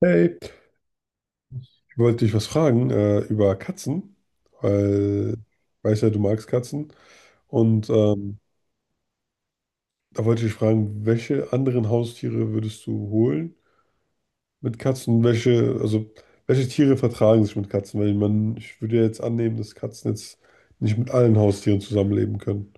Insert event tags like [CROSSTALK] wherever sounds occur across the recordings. Hey, ich wollte dich was fragen über Katzen, weil ich weiß ja, du magst Katzen. Und ähm, Da wollte ich dich fragen, welche anderen Haustiere würdest du holen mit Katzen? Also welche Tiere vertragen sich mit Katzen? Weil man, ich würde ja jetzt annehmen, dass Katzen jetzt nicht mit allen Haustieren zusammenleben können.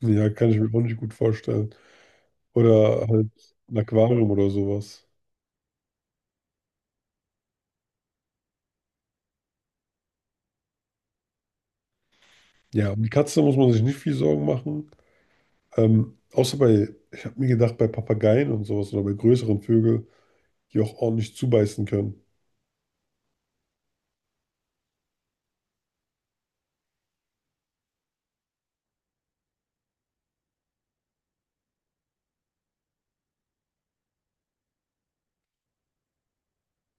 Ja, kann ich mir auch nicht gut vorstellen. Oder halt ein Aquarium oder sowas. Ja, um die Katze muss man sich nicht viel Sorgen machen. Außer bei, ich habe mir gedacht, bei Papageien und sowas oder bei größeren Vögeln, die auch ordentlich zubeißen können.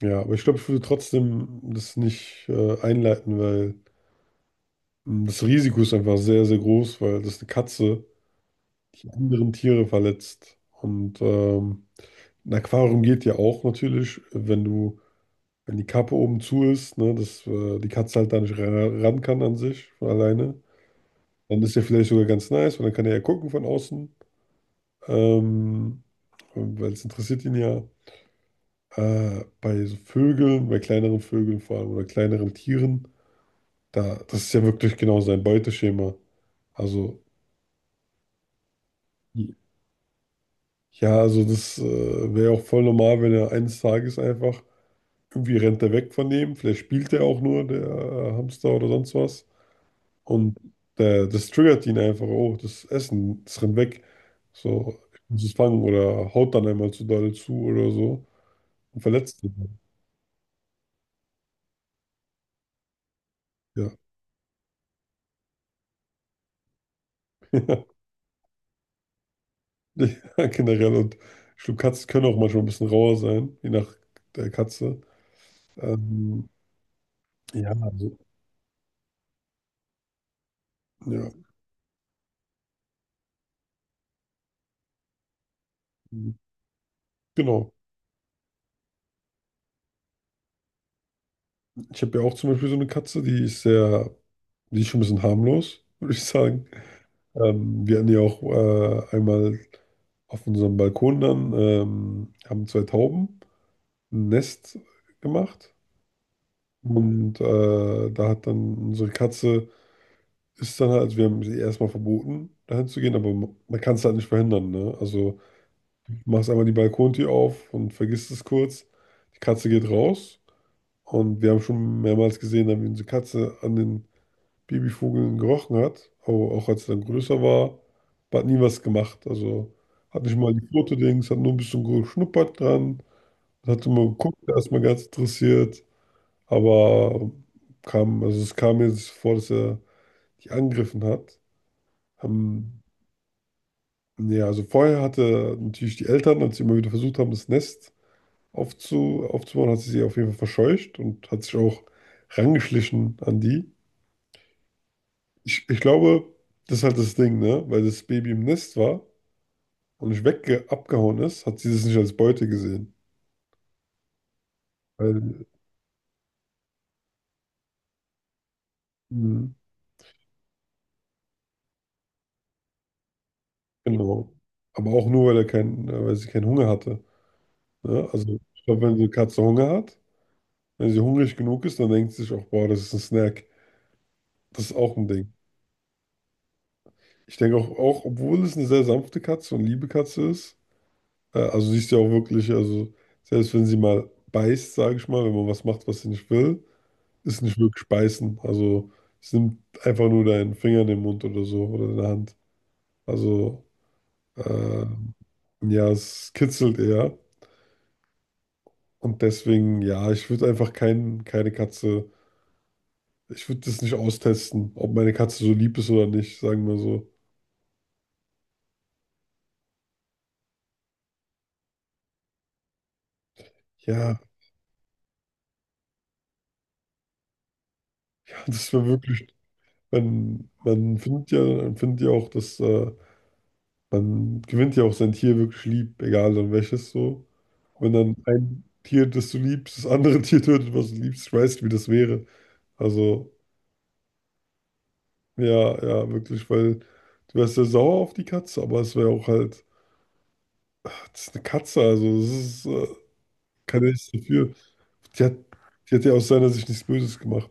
Ja, aber ich glaube, ich würde trotzdem das nicht einleiten, weil das Risiko ist einfach sehr, sehr groß, weil das eine Katze, die anderen Tiere verletzt. Ein Aquarium geht ja auch natürlich, wenn du, wenn die Kappe oben zu ist, ne, dass die Katze halt da nicht ran kann an sich von alleine. Dann ist ja vielleicht sogar ganz nice, weil dann kann er ja gucken von außen. Ähm, Weil es interessiert ihn ja, bei so Vögeln, bei kleineren Vögeln vor allem oder kleineren Tieren, da, das ist ja wirklich genau sein Beuteschema. Also, ja, also das wäre auch voll normal, wenn er eines Tages einfach irgendwie rennt er weg von dem, vielleicht spielt er auch nur, der Hamster oder sonst was. Und der, das triggert ihn einfach, oh, das Essen, das rennt weg. So, ich muss es fangen oder haut dann einmal zu doll zu oder so und verletzt ihn. Ja. [LAUGHS] [LAUGHS] Ja, generell. Und ich glaube, Katzen können auch manchmal ein bisschen rauer sein, je nach der Katze. Ähm, ja, also, ja, genau. Ich habe ja auch zum Beispiel so eine Katze, die ist sehr, die ist schon ein bisschen harmlos, [LAUGHS] würde ich sagen. Wir hatten ja auch einmal auf unserem Balkon dann, haben zwei Tauben ein Nest gemacht. Und da hat dann unsere Katze, ist dann halt, also wir haben sie erstmal verboten, dahin zu gehen, aber man kann es halt nicht verhindern, ne? Also machst einmal die Balkontür auf und vergisst es kurz. Die Katze geht raus und wir haben schon mehrmals gesehen, wie unsere Katze an den Babyvögeln gerochen hat, auch, auch als sie dann größer war, aber hat nie was gemacht. Also hat nicht mal die Fotodings, hat nur ein bisschen geschnuppert dran, hat immer geguckt, erstmal ganz interessiert, aber kam, also es kam mir jetzt vor, dass er die angegriffen hat. Ähm, ja, also vorher hatte natürlich die Eltern, als sie immer wieder versucht haben, das Nest aufzubauen, hat sie sie auf jeden Fall verscheucht und hat sich auch rangeschlichen an die. Ich glaube, das ist halt das Ding, ne? Weil das Baby im Nest war und nicht wegge abgehauen ist, hat sie das nicht als Beute gesehen. Weil, mhm, genau. Aber auch nur, weil er kein, weil sie keinen Hunger hatte. Ne? Also, ich glaube, wenn die Katze Hunger hat, wenn sie hungrig genug ist, dann denkt sie sich auch, boah, das ist ein Snack. Das ist auch ein Ding. Ich denke auch, auch, obwohl es eine sehr sanfte Katze und liebe Katze ist, also sie ist ja auch wirklich, also selbst wenn sie mal beißt, sage ich mal, wenn man was macht, was sie nicht will, ist nicht wirklich beißen. Also es nimmt einfach nur deinen Finger in den Mund oder so oder in der Hand. Also äh, ja, es kitzelt eher. Und deswegen, ja, ich würde einfach kein, keine Katze, ich würde das nicht austesten, ob meine Katze so lieb ist oder nicht, sagen wir so. Ja, [LAUGHS] das wäre wirklich, man findet ja, man findet ja auch, dass dann gewinnt ja auch sein Tier wirklich lieb, egal dann welches so. Wenn dann ein Tier, das du liebst, das andere [LAUGHS] Tier tötet, was du liebst, ich weiß nicht, wie das wäre. Also, ja, ja, wirklich, weil du wärst ja sauer auf die Katze, aber es wäre auch halt, das ist eine Katze, also das ist, kann ja nichts dafür. Die hat, die hat ja aus seiner Sicht nichts Böses gemacht.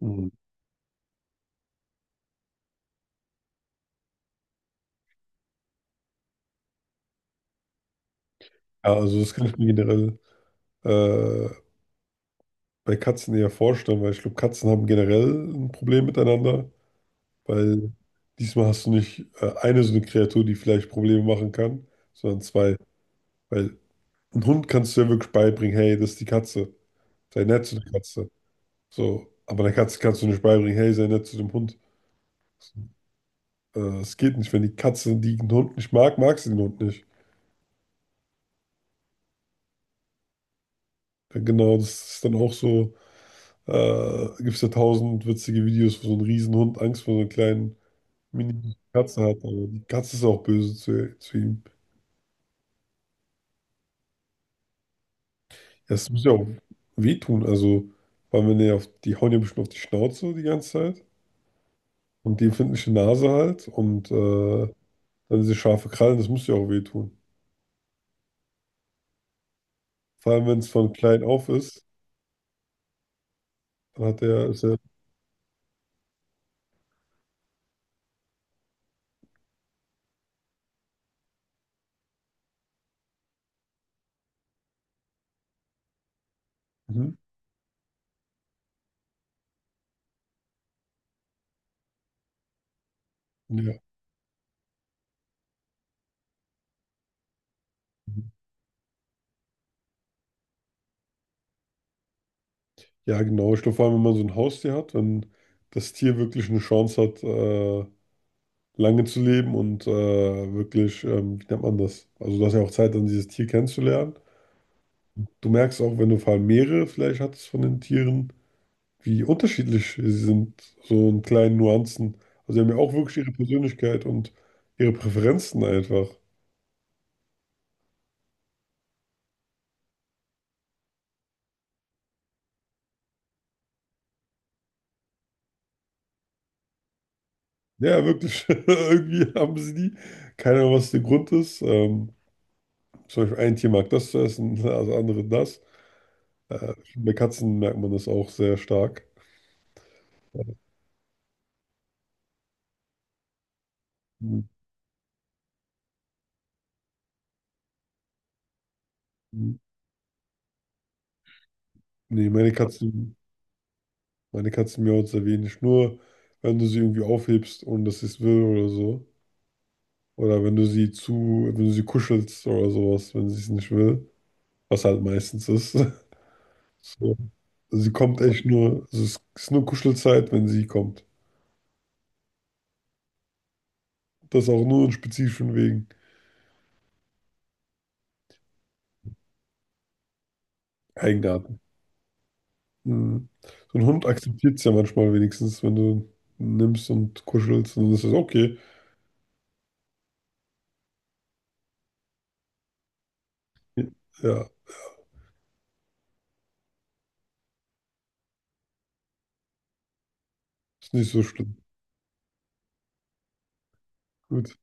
Mhm. Ja, also das kann ich mir generell äh, bei Katzen eher vorstellen, weil ich glaube, Katzen haben generell ein Problem miteinander. Weil diesmal hast du nicht eine so eine Kreatur, die vielleicht Probleme machen kann, sondern zwei. Weil ein Hund kannst du ja wirklich beibringen, hey, das ist die Katze. Sei nett zu der Katze. So, aber der Katze kannst du nicht beibringen, hey, sei nett zu dem Hund. So, es geht nicht. Wenn die Katze den Hund nicht mag, mag sie den Hund nicht. Dann genau, das ist dann auch so, gibt es ja tausend witzige Videos, wo so ein Riesenhund Angst vor so einer kleinen Mini-Katze hat. Aber die Katze ist auch böse zu ihm. Das muss ja auch wehtun. Also, weil wenn die, auf, die hauen ja bestimmt auf die Schnauze die ganze Zeit. Und die empfindliche Nase halt. Und dann diese scharfe Krallen, das muss ja auch wehtun. Vor allem, wenn es von klein auf ist, dann hat der, ist er, mhm, ja. Mhm. Ja, genau. Ich glaube, vor allem, wenn man so ein Haustier hat, wenn das Tier wirklich eine Chance hat, lange zu leben und wirklich, wie nennt man das? Also, du hast ja auch Zeit, dann dieses Tier kennenzulernen. Du merkst auch, wenn du vor allem mehrere vielleicht hattest von den Tieren, wie unterschiedlich sie sind, so in kleinen Nuancen. Also sie haben ja auch wirklich ihre Persönlichkeit und ihre Präferenzen einfach. Ja, wirklich. [LAUGHS] Irgendwie haben sie die. Keine Ahnung, was der Grund ist. Zum Beispiel ein Tier mag das zu essen, [LAUGHS] das andere das. Bei Katzen merkt man das auch sehr stark. Mhm. Nee, meine Katzen miauen sehr wenig. Nur wenn du sie irgendwie aufhebst und dass sie es will oder so. Oder wenn du sie zu, wenn du sie kuschelst oder sowas, wenn sie es nicht will. Was halt meistens ist. [LAUGHS] So. Also sie kommt echt nur, also es ist nur Kuschelzeit, wenn sie kommt. Das auch nur in spezifischen Wegen. Eigenarten. Mhm. So ein Hund akzeptiert es ja manchmal wenigstens, wenn du ihn nimmst und kuschelst und dann ist es okay. Ja, ist nicht so schlimm. Gut,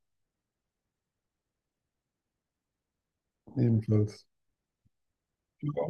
ebenfalls. Ja.